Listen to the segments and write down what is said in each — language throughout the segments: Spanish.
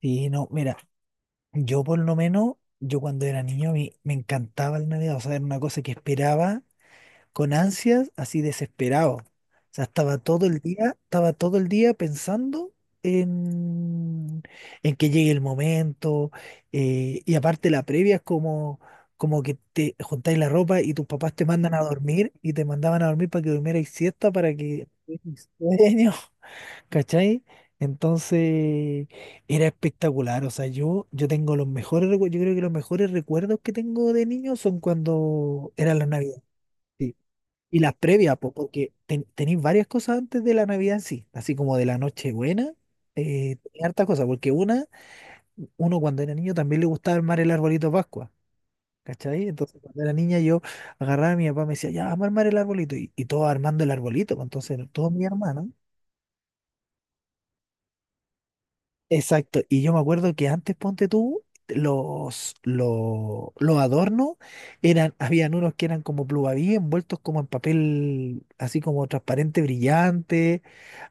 Sí, no, mira, yo por lo menos, yo cuando era niño a mí me encantaba el Navidad, o sea, era una cosa que esperaba con ansias, así desesperado. O sea, estaba todo el día pensando en, en que llegue el momento, y aparte la previa es como que te juntáis la ropa y tus papás te mandan a dormir y te mandaban a dormir para que durmierais siesta, para que tuvierais sueño. ¿Cachai? Entonces era espectacular. O sea, yo tengo los mejores recuerdos. Yo creo que los mejores recuerdos que tengo de niño son cuando era la Navidad. Sí. Y las previas, po, porque tenéis varias cosas antes de la Navidad, en sí. Así como de la Nochebuena, tenía hartas cosas. Porque uno cuando era niño también le gustaba armar el arbolito de Pascua. ¿Cachai? Entonces cuando era niña yo agarraba a mi papá, me decía, ya, vamos a armar el arbolito. Y todos armando el arbolito, pues. Entonces todos mis hermanos. Exacto, y yo me acuerdo que antes, ponte tú, los adornos eran, habían unos que eran como pluvaví envueltos como en papel así como transparente brillante,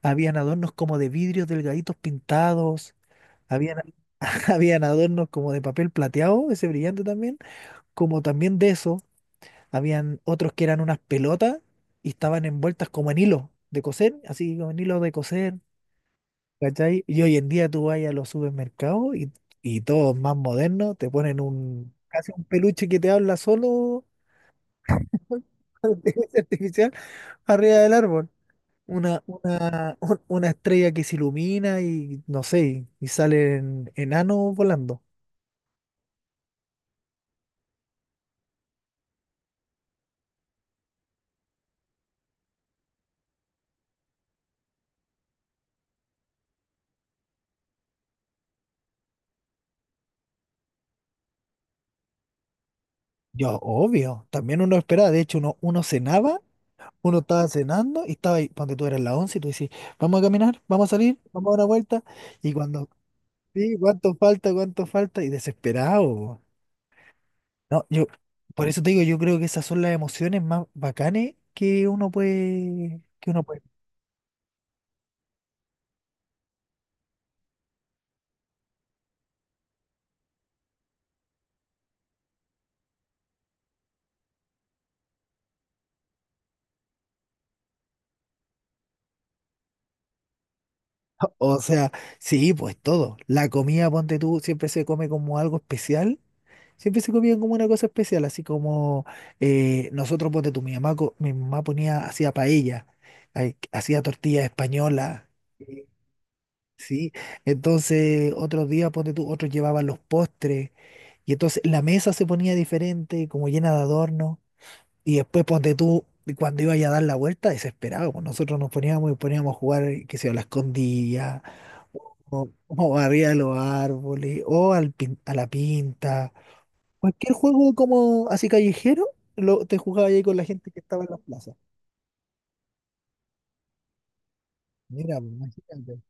habían adornos como de vidrios delgaditos pintados, habían, habían adornos como de papel plateado, ese brillante también, como también de eso, habían otros que eran unas pelotas y estaban envueltas como en hilo de coser, así como en hilo de coser. ¿Cachai? Y hoy en día tú vas a los supermercados y todos más modernos te ponen un casi un peluche que te habla solo de inteligencia artificial arriba del árbol. Una estrella que se ilumina y no sé, y salen enanos volando. Yo, obvio, también uno esperaba, de hecho uno cenaba, uno estaba cenando y estaba ahí, cuando tú eras las 11 y tú decís, vamos a caminar, vamos a salir, vamos a dar una vuelta, y cuando, sí, cuánto falta, y desesperado. No, yo, por eso te digo, yo creo que esas son las emociones más bacanes que uno puede, que uno puede. O sea, sí, pues todo. La comida, ponte tú, siempre se come como algo especial. Siempre se comía como una cosa especial, así como nosotros, ponte tú, mi mamá ponía, hacía paella, ay, hacía tortilla española. eh, Sí, entonces otros días, ponte tú, otros llevaban los postres y entonces la mesa se ponía diferente, como llena de adornos. Y después ponte tú, cuando iba ya a dar la vuelta, desesperado, pues nosotros nos poníamos y poníamos a jugar, qué sé yo, a la escondida, o arriba de los árboles, o a la pinta. Cualquier juego como así callejero, te jugaba ahí con la gente que estaba en las plazas. Mira, pues, imagínate.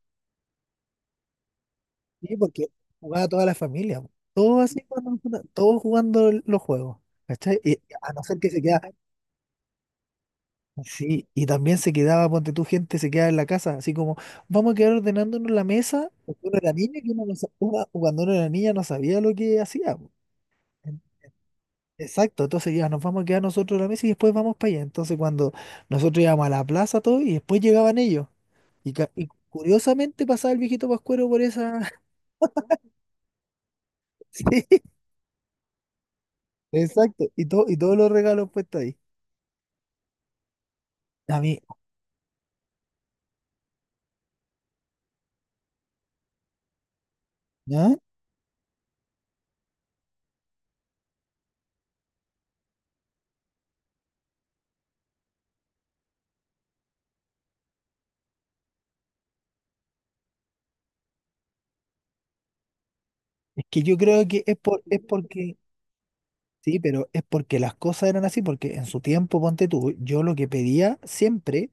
Sí, porque jugaba toda la familia, pues. Todos así, todos jugando los juegos. ¿Cachai? Y a no ser que se queda, sí, y también se quedaba, ponte tú, gente se quedaba en la casa, así como, vamos a quedar ordenándonos la mesa, porque uno era niño y uno no sa- uno- cuando uno era niña no sabía lo que hacía, po. En- Exacto, entonces ya nos vamos a quedar nosotros en la mesa y después vamos para allá. Entonces cuando nosotros íbamos a la plaza todo y después llegaban ellos. Y curiosamente pasaba el viejito Pascuero por esa... Sí, exacto, y, todo, y todos los regalos puestos ahí. A mí, ¿no? Es que yo creo que es porque... Sí, pero es porque las cosas eran así, porque en su tiempo, ponte tú, yo lo que pedía siempre,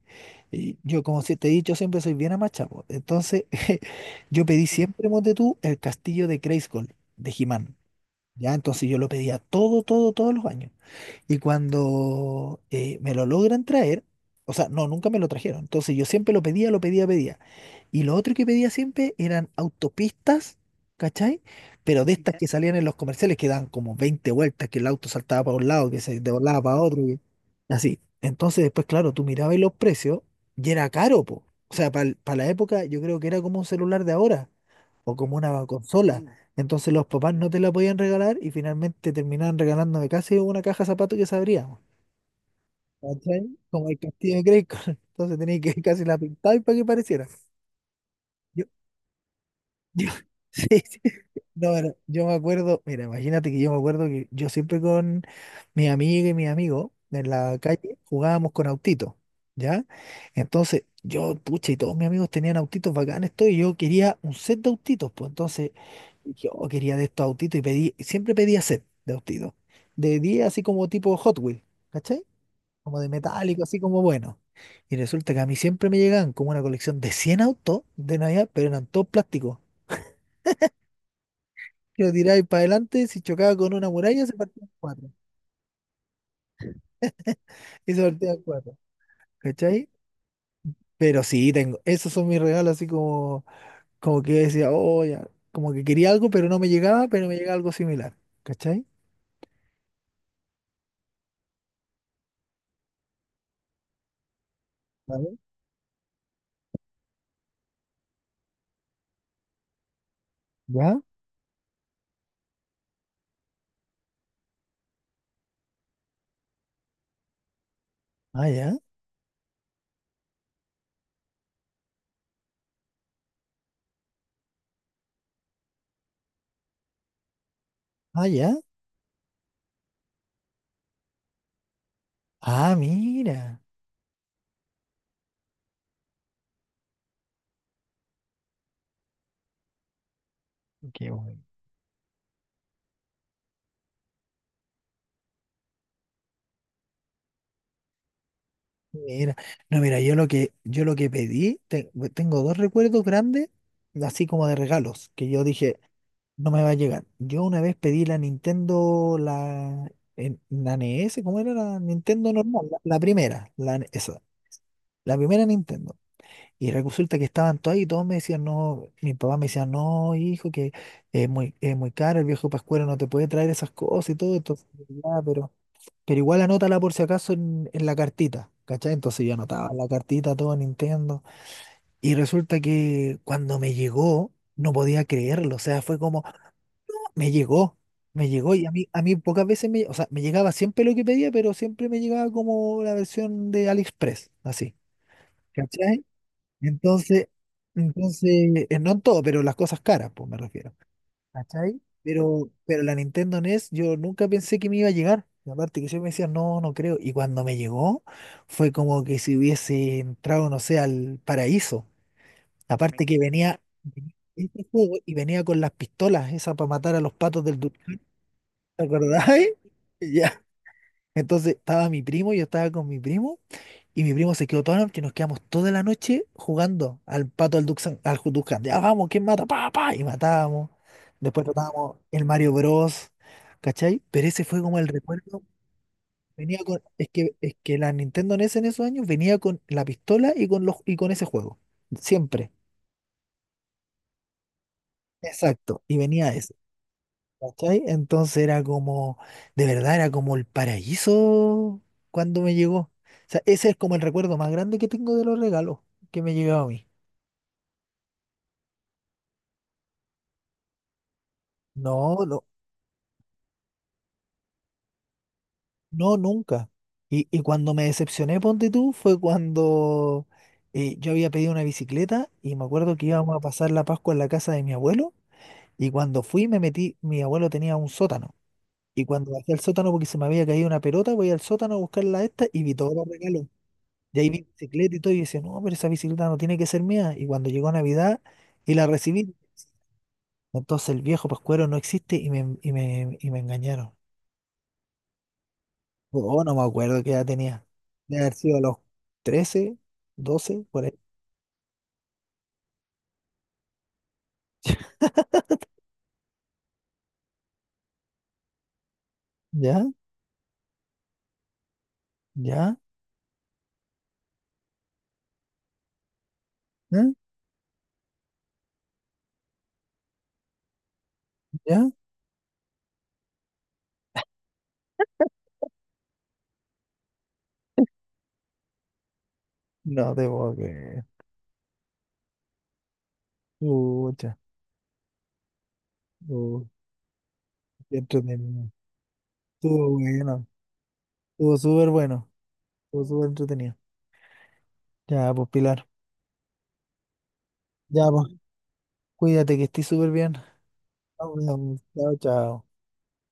y yo como si te he dicho siempre soy bien amachado, entonces yo pedí siempre, ponte tú, el castillo de Grayskull, de he ¿Ya? Entonces yo lo pedía todo, todo, todos los años. Y cuando me lo logran traer, o sea, no, nunca me lo trajeron. Entonces yo siempre lo pedía, pedía. Y lo otro que pedía siempre eran autopistas, ¿cachai? Pero de estas que salían en los comerciales que dan como 20 vueltas, que el auto saltaba para un lado, que se doblaba para otro, y así. Entonces después, claro, tú mirabas los precios y era caro, po. O sea, para la época yo creo que era como un celular de ahora o como una consola. Entonces los papás no te la podían regalar y finalmente terminaban regalándome casi una caja de zapatos que se abría, weón. ¿Cachai? Como el castillo de Grayskull. Entonces tenía que casi la pintar para que pareciera. Yo, Yo- sí, sí. No, pero yo me acuerdo, mira, imagínate que yo me acuerdo que yo siempre con mi amiga y mi amigo en la calle jugábamos con autitos, ¿ya? Entonces, yo, pucha, y todos mis amigos tenían autitos bacanes, todo, y yo quería un set de autitos, pues entonces yo quería de estos autitos y pedí, siempre pedía set de autitos, de 10 así como tipo Hot Wheels, ¿cachai? Como de metálico, así como bueno. Y resulta que a mí siempre me llegaban como una colección de 100 autos de Navidad, pero eran todos plásticos que lo tiráis para adelante, si chocaba con una muralla, se partía en cuatro. Y se partía en cuatro, ¿cachai? Pero sí, tengo, esos son mis regalos, así como, como que decía, oh, ya, como que quería algo, pero no me llegaba, pero me llegaba algo similar, ¿cachai? Vale. ¿Ya? Ah, ya, ah, ya. Ah, mira, qué bueno. Mira, no, mira, yo lo que pedí, tengo dos recuerdos grandes, así como de regalos, que yo dije, no me va a llegar. Yo una vez pedí la Nintendo, la NES, ¿cómo era la Nintendo normal? La primera, esa, la primera Nintendo. Y resulta que estaban todos ahí y todos me decían, no, mi papá me decía, no, hijo, que es muy caro, el viejo Pascuero no te puede traer esas cosas y todo, entonces, ya, pero igual anótala por si acaso en la cartita, ¿cachai? Entonces yo anotaba la cartita, todo Nintendo. Y resulta que cuando me llegó, no podía creerlo. O sea, fue como, "Ah, me llegó, me llegó". Y a mí pocas veces me, o sea, me llegaba siempre lo que pedía, pero siempre me llegaba como la versión de AliExpress, así, ¿cachai? Entonces, entonces, no en todo, pero las cosas caras, pues me refiero. ¿Cachai? Pero la Nintendo NES yo nunca pensé que me iba a llegar. Y aparte que yo me decía, no, no creo. Y cuando me llegó, fue como que si hubiese entrado, no sé, al paraíso. Aparte que venía este juego y venía con las pistolas, esas para matar a los patos del Duty. ¿Te acordáis? Ya. Entonces estaba mi primo, yo estaba con mi primo. Y mi primo se quedó toda la noche, nos quedamos toda la noche jugando al pato al Duxan, Duxan. Ya vamos, ¿quién mata? Pa, pa, y matábamos. Después tratábamos el Mario Bros. ¿Cachai? Pero ese fue como el recuerdo. Venía con, es que la Nintendo NES en esos años venía con la pistola y con los, y con ese juego. Siempre. Exacto. Y venía ese. ¿Cachai? Entonces era como, de verdad, era como el paraíso cuando me llegó. O sea, ese es como el recuerdo más grande que tengo de los regalos que me llegó a mí. No, no, no, nunca. Y cuando me decepcioné, ponte tú, fue cuando yo había pedido una bicicleta y me acuerdo que íbamos a pasar la Pascua en la casa de mi abuelo y cuando fui me metí, mi abuelo tenía un sótano y cuando bajé al sótano porque se me había caído una pelota, voy al sótano a buscar la esta y vi todos los regalos. Y ahí vi bicicleta y todo y decía, no, pero esa bicicleta no tiene que ser mía. Y cuando llegó Navidad y la recibí, entonces el viejo pascuero no existe y me engañaron. Oh, no me acuerdo qué edad tenía. De haber sido a los 13 12 por ahí. ¿Ya? ¿Ya? ¿Eh? ¿Ya? No te puedo creer. Pucha. Uh, qué entretenido. Estuvo bueno. Estuvo súper bueno. Estuvo súper entretenido. Ya, pues, Pilar. Ya, pues, cuídate que estés súper bien. Chao, chao.